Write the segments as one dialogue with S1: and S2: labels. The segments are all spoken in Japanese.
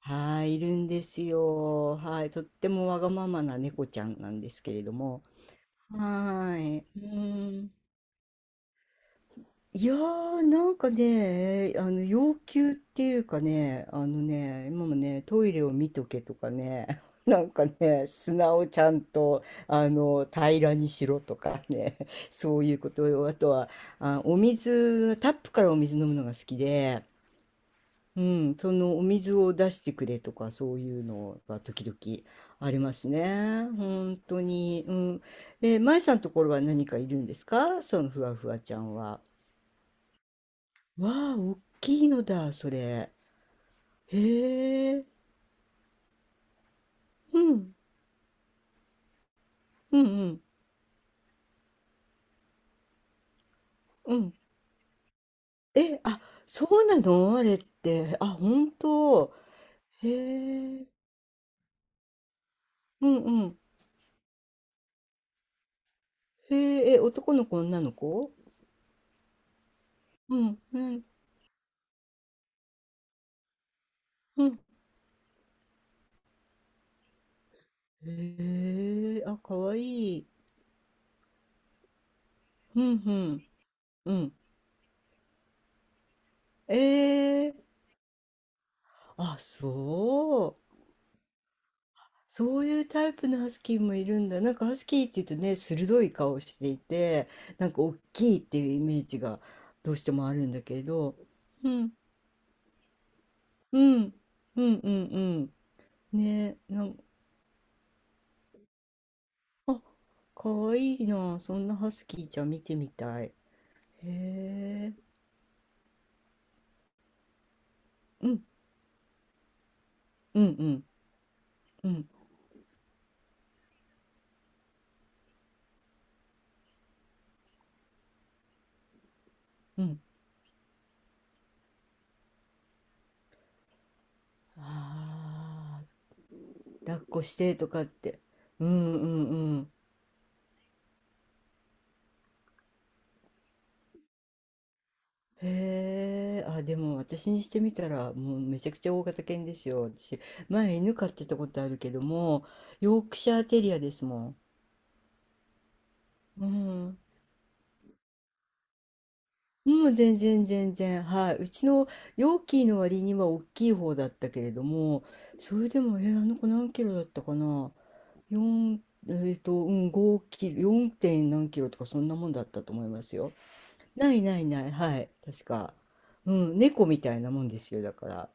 S1: はい、いるんですよ。はい、とってもわがままな猫ちゃんなんですけれども。はい、うん。いやー、なんかね、要求っていうかね、今もね、トイレを見とけとかね、なんかね、砂をちゃんと、平らにしろとかね、そういうことよ。あとは、あ、お水、タップからお水飲むのが好きで、うん、そのお水を出してくれとかそういうのが時々ありますね。本当に。うん。舞さんのところは何かいるんですか、そのふわふわちゃんは？わあ、おっきいのだ、それ。へえ。うん、うん、うん、うん。え、あ、そうなのあれって？あ、本当？へえ。うん、うん。へえ、え、男の子、女の子？うん、うん、うん。へえ、あ、かわいい。うん、うん。うん。ええ、あ、そう。そういうタイプのハスキーもいるんだ。なんかハスキーっていうとね、鋭い顔していて、なんか大きいっていうイメージがどうしてもあるんだけれど。うん、うん、うん、うん、うん。ね、なんか、あ、かわいいな。そんなハスキーちゃん見てみたい。へえ。うん、うん、うん、うん、うん。ああ、抱っこしてとかって？うん、うん、うん。へえ、あ、でも私にしてみたらもうめちゃくちゃ大型犬ですよ。私、前犬飼ってたことあるけども、ヨークシャーテリアですもん。うん。もう全然全然。はい。うちのヨーキーの割には大きい方だったけれども、それでも、あの子何キロだったかな？ 4、うん、5キロ、4点何キロとかそんなもんだったと思いますよ。ないないない。はい。確か。うん。猫みたいなもんですよ。だから。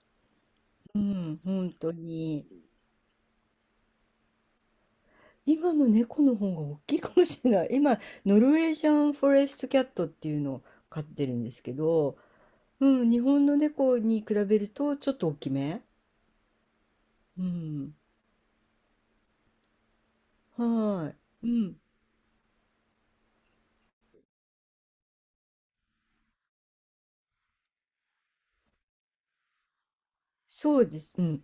S1: うん。本当に。今の猫の方が大きいかもしれない。今、ノルウェージャンフォレストキャットっていうのを飼ってるんですけど、うん、日本の猫に比べるとちょっと大きめ。うん。はい。うん。そうです。うん。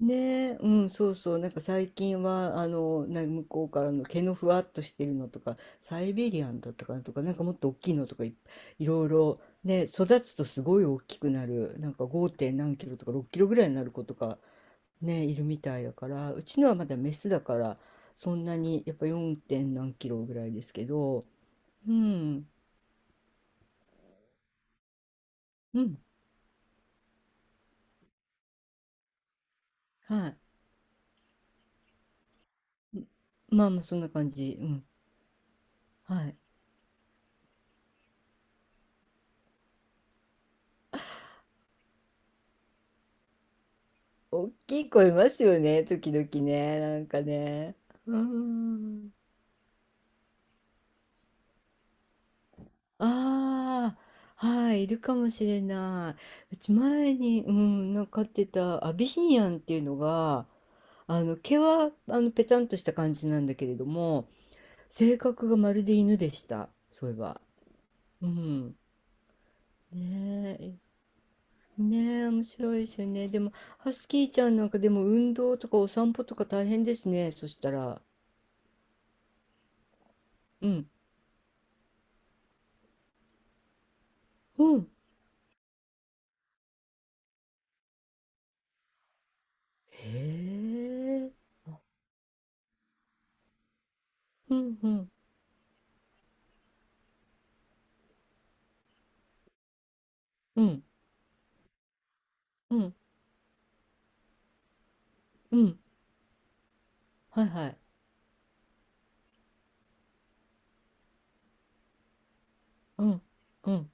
S1: ねえ、うん、そうそう。なんか最近は、向こうからの毛のふわっとしてるのとか、サイベリアンだったかなとか、なんかもっと大きいのとかいろいろ、ね、育つとすごい大きくなる。なんか 5 何キロとか6キロぐらいになる子とかね、いるみたいだから、うちのはまだメスだから、そんなに、やっぱ 4 点何キロぐらいですけど、うん、うん、はい。まあまあ、そんな感じ。うん、はい。大きい子いますよね、時々ね、なんかね。うーん。ああ、はい、いるかもしれない。うち前に、うん、なんか飼ってたアビシニアンっていうのが、あの毛はあのペタンとした感じなんだけれども性格がまるで犬でした、そういえば。うん。ねえ、ねえ、面白いですよね。でも、ハスキーちゃんなんかでも運動とかお散歩とか大変ですね。そしたら。うん。うん。へえ。あうんうん。うん。うん。うん。はいはい。うん。うん。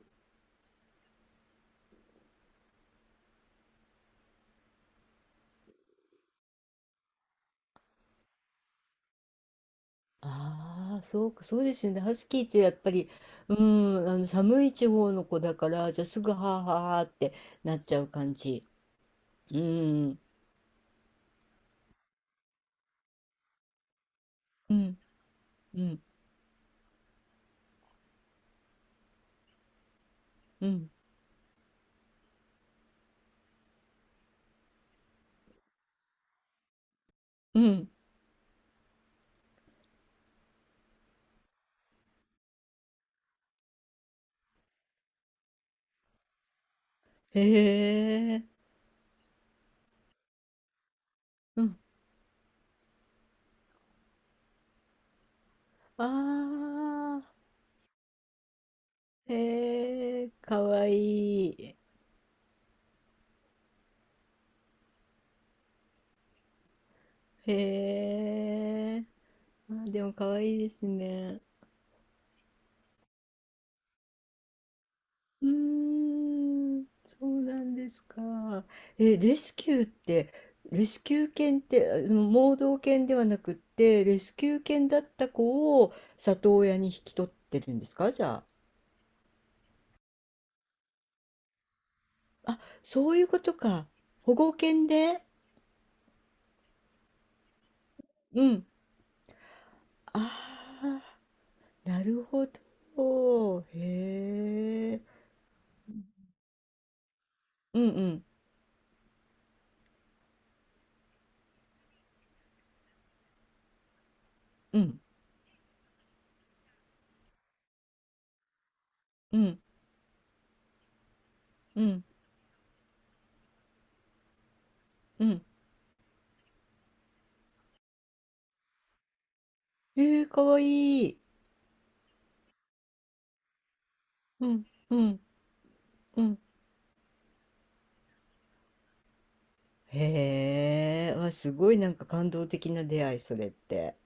S1: ああ、そうか、そうですよね。ハスキーってやっぱり、うん、あの寒い地方の子だから、じゃあすぐはあはあはあってなっちゃう感じ。うん。うん。うん。うん。うん。へえ。うん。ああ。へえ。かわいい。へえ。あー、でもかわいいですね。うーん。そうなんですか？え、レスキューって、レスキュー犬って、あの盲導犬ではなくって、レスキュー犬だった子を里親に引き取ってるんですか、じゃあ？あ、そういうことか。保護犬で、うん。ああ。なるほど。へえ。うんうんうんうんうんうん。ええ、かわいい。うんうんうん。へえ。わ、すごいなんか感動的な出会い、それって。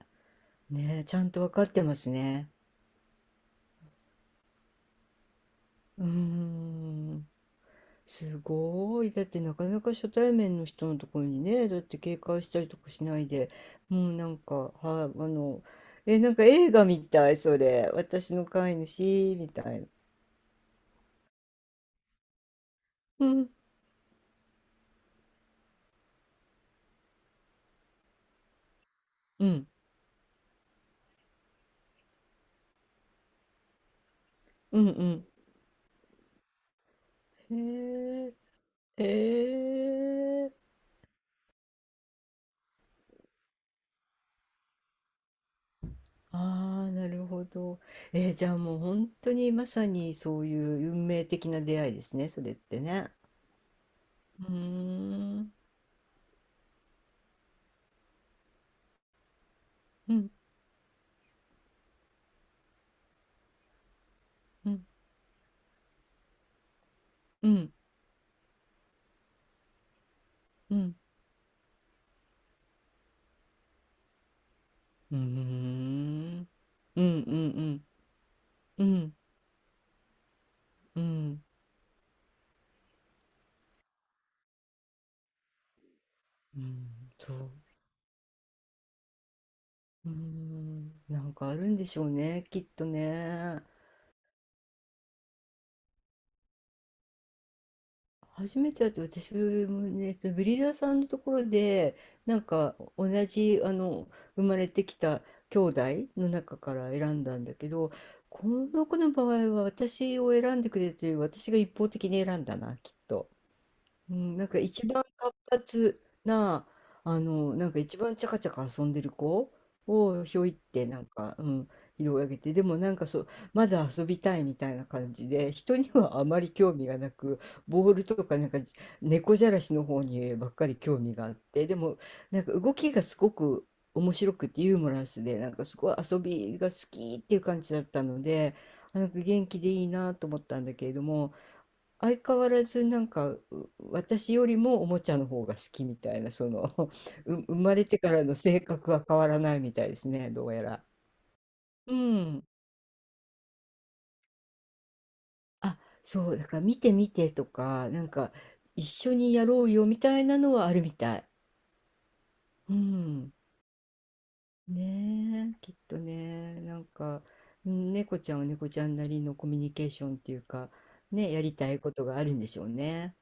S1: ねえ、ちゃんとわかってますね。うーん。すごい。だってなかなか初対面の人のところにね、だって警戒したりとかしないで、もうなんか、はい、なんか映画みたい、それ。私の飼い主、みたいな。うん、うんうん。へえ、へえ。ああ、なるほど。じゃあもう本当にまさにそういう運命的な出会いですね、それってね。うーん、うん、うん、うん、うん、うーん、うん、うん、うん、うん、うん、そう。うーん、なんかあるんでしょうね、きっとね。初めてだと私もねブリーダーさんのところでなんか同じあの生まれてきた兄弟の中から選んだんだけど、この子の場合は私を選んでくれてる。私が一方的に選んだな、きっと。うん、なんか一番活発な、なんか一番チャカチャカ遊んでる子をひょいってなんか、うん、拾い上げて、でもなんかそう、まだ遊びたいみたいな感じで、人にはあまり興味がなく、ボールとかなんか猫じゃらしの方にばっかり興味があって、でもなんか動きがすごく面白くてユーモラスで、なんかすごい遊びが好きっていう感じだったので、あなんか元気でいいなと思ったんだけれども、相変わらずなんか、私よりもおもちゃの方が好きみたいな、その 生まれてからの性格は変わらないみたいですね、どうやら。うん。あ、そう、だから見て見てとか、なんか一緒にやろうよみたいなのはあるみたい。うん。ねえ、きっとね、なんか、うん、猫ちゃんは猫ちゃんなりのコミュニケーションっていうか、ね、やりたいことがあるんでしょうね。